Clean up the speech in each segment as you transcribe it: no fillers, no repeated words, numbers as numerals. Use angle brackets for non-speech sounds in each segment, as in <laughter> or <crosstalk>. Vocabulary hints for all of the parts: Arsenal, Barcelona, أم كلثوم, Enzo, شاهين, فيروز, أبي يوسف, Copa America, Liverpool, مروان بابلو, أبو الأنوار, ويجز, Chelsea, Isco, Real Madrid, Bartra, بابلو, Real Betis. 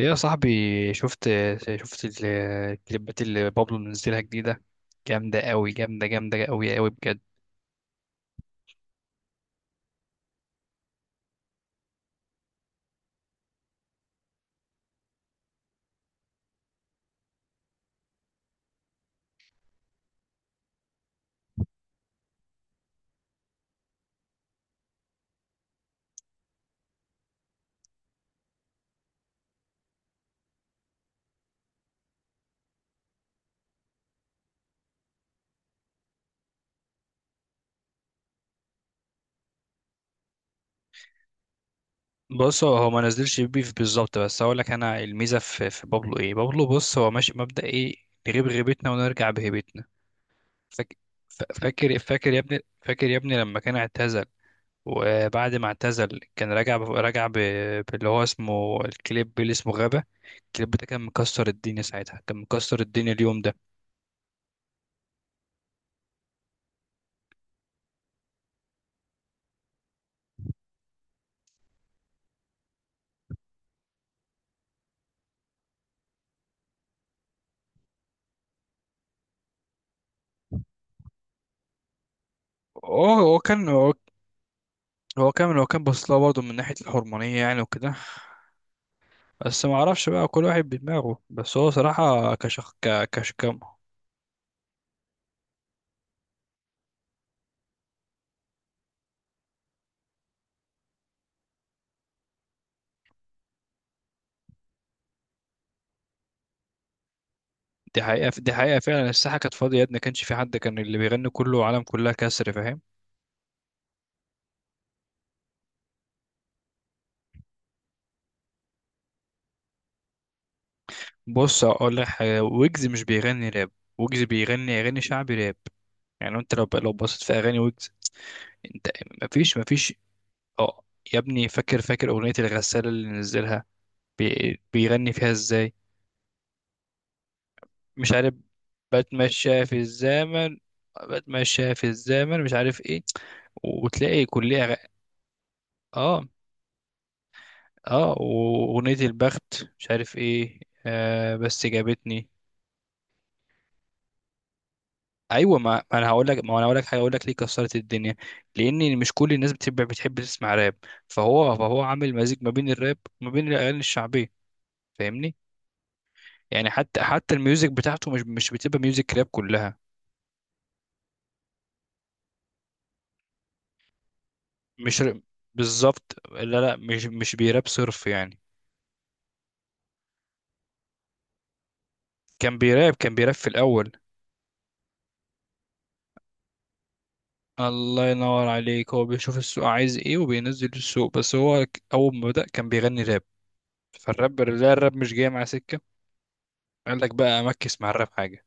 ايه يا صاحبي؟ شفت شفت ال- الكليبات اللي بابلو منزلها جديدة؟ جامدة قوي، جامدة جامدة قوي قوي بجد. بص، هو ما نزلش بيف بالظبط، بس هقول لك انا الميزة في بابلو ايه. بابلو بص هو ماشي مبدأ ايه: نغيب غيبتنا ونرجع بهيبتنا. فاكر؟ فاكر فاكر يا ابني، فاكر يا ابني لما كان اعتزل، وبعد ما اعتزل كان باللي هو اسمه الكليب اللي اسمه غابة. الكليب ده كان مكسر الدنيا ساعتها، كان مكسر الدنيا اليوم ده. هو هو كان هو كان بص لها برضه من ناحية الحرمانية يعني وكده، بس ما اعرفش بقى، كل واحد بدماغه. بس هو صراحة كشخ كشكم. دي حقيقة، دي حقيقة فعلا الساحة كانت فاضية يا ابني، ما كانش في حد، كان اللي بيغني كله عالم، كلها كسر، فاهم؟ بص اقول لك حاجة، ويجز مش بيغني راب. ويجز بيغني اغاني شعبي راب. يعني انت لو بصيت في اغاني ويجز، انت مفيش. اه يا ابني، فاكر فاكر اغنية الغسالة اللي نزلها؟ بيغني فيها ازاي؟ مش عارف، بتمشى في الزمن، بتمشى في الزمن مش عارف ايه، وتلاقي كلها اه. اه واغنية البخت مش عارف ايه، بس جابتني. ايوه، ما ما انا هقول لك ما انا هقول لك حاجه، هقول لك ليه كسرت الدنيا. لان مش كل الناس بتحب تسمع راب، فهو عامل مزيج ما بين الراب وما بين الاغاني الشعبيه، فاهمني؟ يعني حتى الميوزك بتاعته مش بتبقى ميوزك راب كلها. مش ر- بالظبط، لا لا، مش بيراب صرف يعني. كان بيراب، كان بيراب في الاول. الله ينور عليك، هو بيشوف السوق عايز ايه وبينزل السوق، بس هو اول ما بدأ كان بيغني راب. فالراب، لا الراب مش جاي مع سكة، قال لك بقى امكس مع الراب حاجة.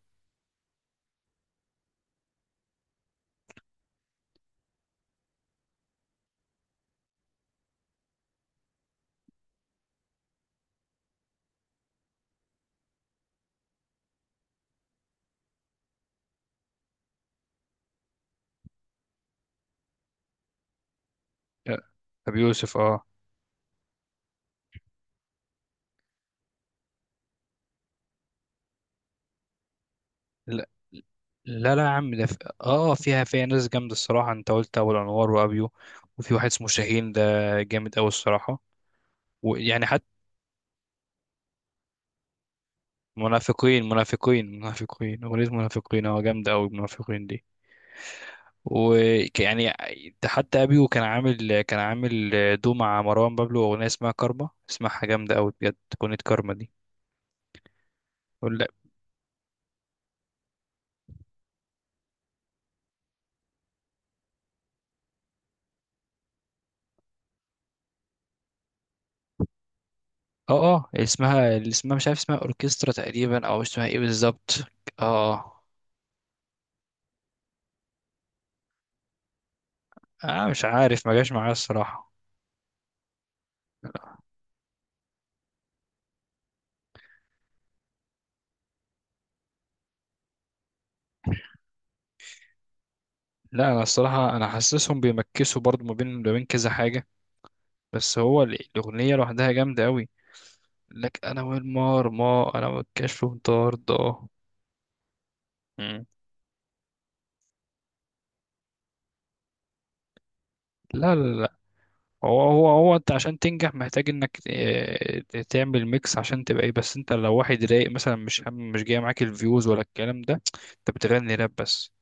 لا، ابي يوسف اه. لا لا، لا يا عم ده في... اه فيها، فيها ناس جامدة الصراحة. انت قلت ابو الانوار وابيو، وفي واحد اسمه شاهين ده، جامد قوي الصراحة. ويعني حتى، منافقين منافقين منافقين، اغنية منافقين، اه جامدة قوي منافقين دي. ويعني حتى ابيو كان عامل دو مع مروان بابلو اغنيه اسمها كارما، اسمها جامده قوي بجد، اغنيه كارما دي. ولا اه اه، اسمها، اللي اسمها مش عارف اسمها، اوركسترا تقريبا، او اسمها ايه بالظبط. اه اه، مش عارف ما جاش معايا الصراحه. لا انا الصراحه انا حاسسهم بيمكسوا برضو ما بين كذا حاجه، بس هو الاغنيه لوحدها جامده قوي. لك انا والمار، ما انا والكشف طارده. مم. لا لا، هو انت عشان تنجح محتاج انك تعمل ميكس عشان تبقى ايه، بس انت لو واحد رايق مثلا، مش هم مش جاي معاك الفيوز ولا الكلام ده، انت بتغني راب بس.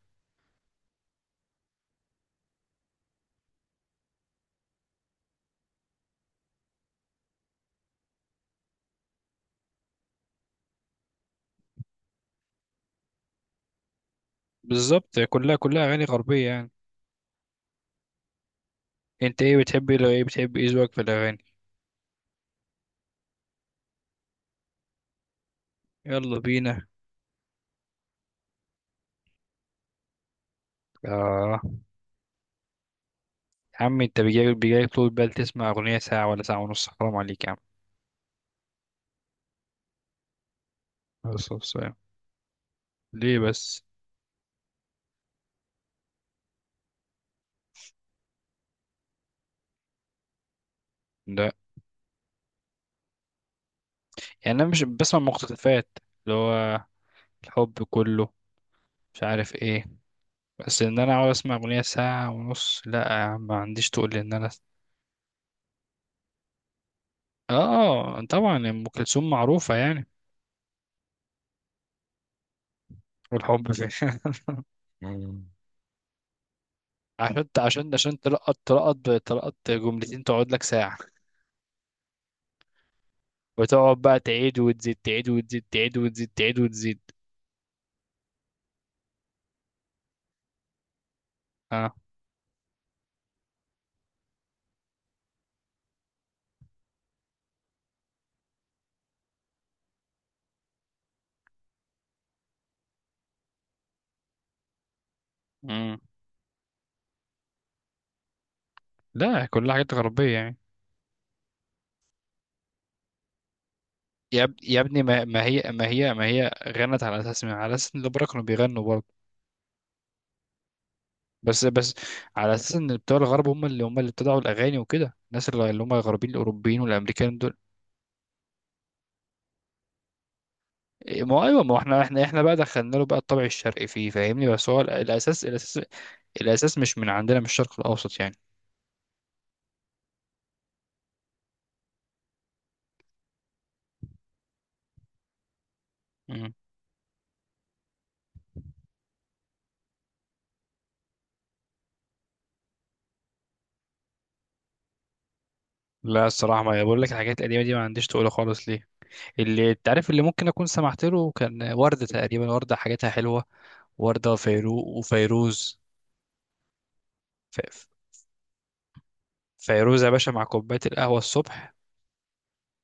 بالظبط، كلها اغاني غربية يعني. انت ايه بتحب ايه، لو ايه بتحب ايه ذوقك في الاغاني؟ يلا بينا. اه يا عم، انت بيجي طول بال تسمع اغنية ساعة ولا ساعة ونص؟ حرام عليك يا عم، بس يعني. ليه بس؟ لا يعني انا مش بسمع مقتطفات، اللي هو الحب كله مش عارف ايه، بس ان انا اقعد اسمع اغنيه ساعه ونص؟ لا يا عم، ما عنديش، تقول لي ان انا. اه طبعا، ام كلثوم معروفه يعني. والحب في <laughs> مم. عشان عشان عشان تلقط جملتين تقعد لك ساعه، وتقعد بقى تعيد وتزيد، تعيد وتزيد، تعيد وتزيد، تعيد وتزيد. اه. امم. لا، كلها حاجات غربيه يعني. يا ابني ما هي غنت على اساس، على اساس ان الأوبرا كانوا بيغنوا. بس على اساس ان بتوع الغرب هم اللي، هم اللي ابتدعوا الاغاني وكده، الناس اللي، اللي هم الغربيين الاوروبيين والامريكان دول. إيه، ما هو ايوه، ما هو احنا بقى دخلنا له بقى الطبع الشرقي فيه، فاهمني؟ بس هو الاساس، الاساس، الاساس مش من عندنا من الشرق الاوسط يعني. مم. لا الصراحه، ما بقول لك الحاجات القديمه دي ما عنديش، تقولها خالص ليه. اللي انت عارف اللي ممكن اكون سمعت له كان ورده تقريبا، ورده حاجاتها حلوه. ورده، فيرو وفيروز. ف... ف- فيروز يا باشا، مع كوبايه القهوه الصبح،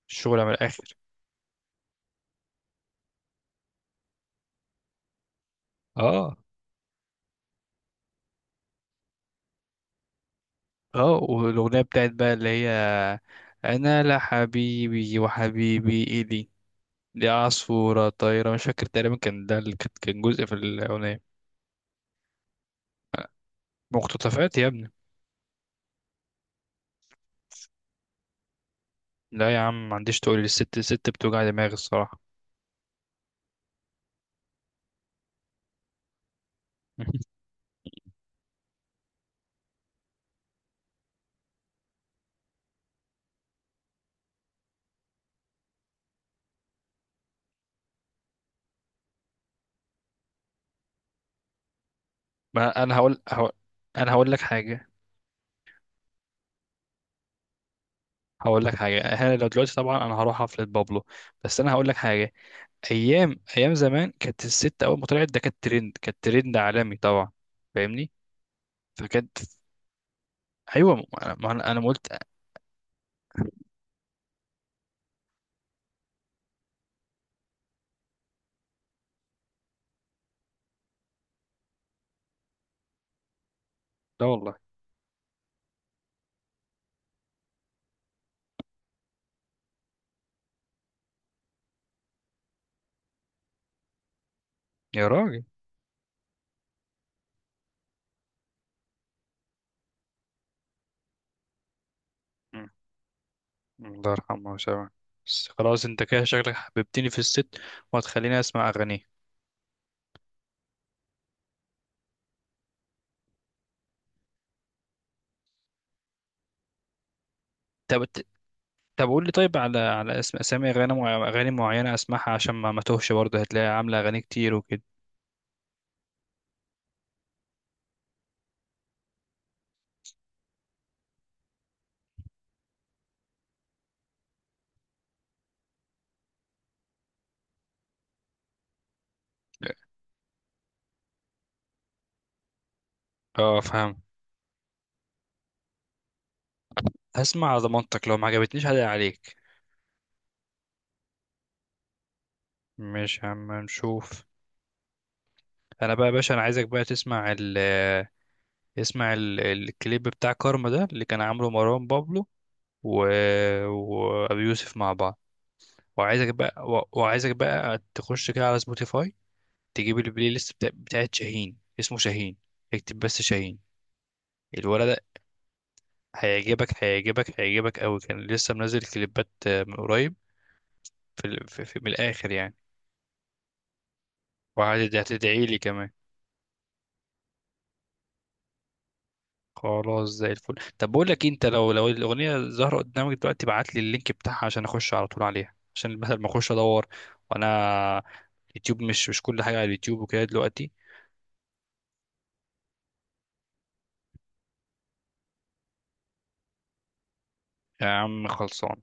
الشغل من الاخر. اه. اه، والأغنية بتاعت بقى اللي هي: أنا لا حبيبي، وحبيبي إيدي دي عصفورة طايرة، مش فاكر تقريبا، كان ده اللي كان، كان جزء في الأغنية. مقتطفات يا ابني. لا يا عم، ما عنديش، تقول لي الست، الست بتوجع دماغي الصراحة. <laughs> ما هقول، أنا هقول لك حاجة. هقول لك حاجة، أنا لو دلوقتي طبعا أنا هروح حفلة بابلو، بس أنا هقول لك حاجة: أيام زمان كانت الست أول ما طلعت ده كانت ترند، كانت ترند عالمي طبعا، فاهمني؟ فكانت. أيوة، ما أنا ما أنا- أنا ما قلت. لا والله. يا راجل. مم. الله يرحمه ويسامحه. بس خلاص، انت كده شكلك حببتني في الست، وهتخليني اسمع اغانيه. طب، طب قول لي، طيب على على اسم، اسامي اغاني اغاني معينه اسمعها عشان ما توهش، برضه هتلاقي عامله اغاني كتير وكده. اه فاهم. هسمع على ضمانتك، لو ما عجبتنيش هدق عليك. مش عم نشوف. انا بقى يا باشا انا عايزك بقى تسمع الكليب بتاع كارما ده اللي كان عامله مروان بابلو و... وابي يوسف مع بعض. وعايزك بقى، وعايزك بقى تخش كده على سبوتيفاي، تجيب البلاي ليست بتاعت شاهين، اسمه شاهين. اكتب بس شاهين، الولد ده هيعجبك، هيعجبك، هيعجبك قوي، كان لسه منزل كليبات من قريب. في من الاخر يعني. وهتدعي لي كمان. خلاص زي الفل. طب بقول لك إيه، انت لو الاغنيه ظاهره قدامك دلوقتي ابعت لي اللينك بتاعها، عشان اخش على طول عليها، عشان بدل ما اخش ادور، وانا يوتيوب، مش كل حاجه على اليوتيوب وكده دلوقتي. يا عم خلصان.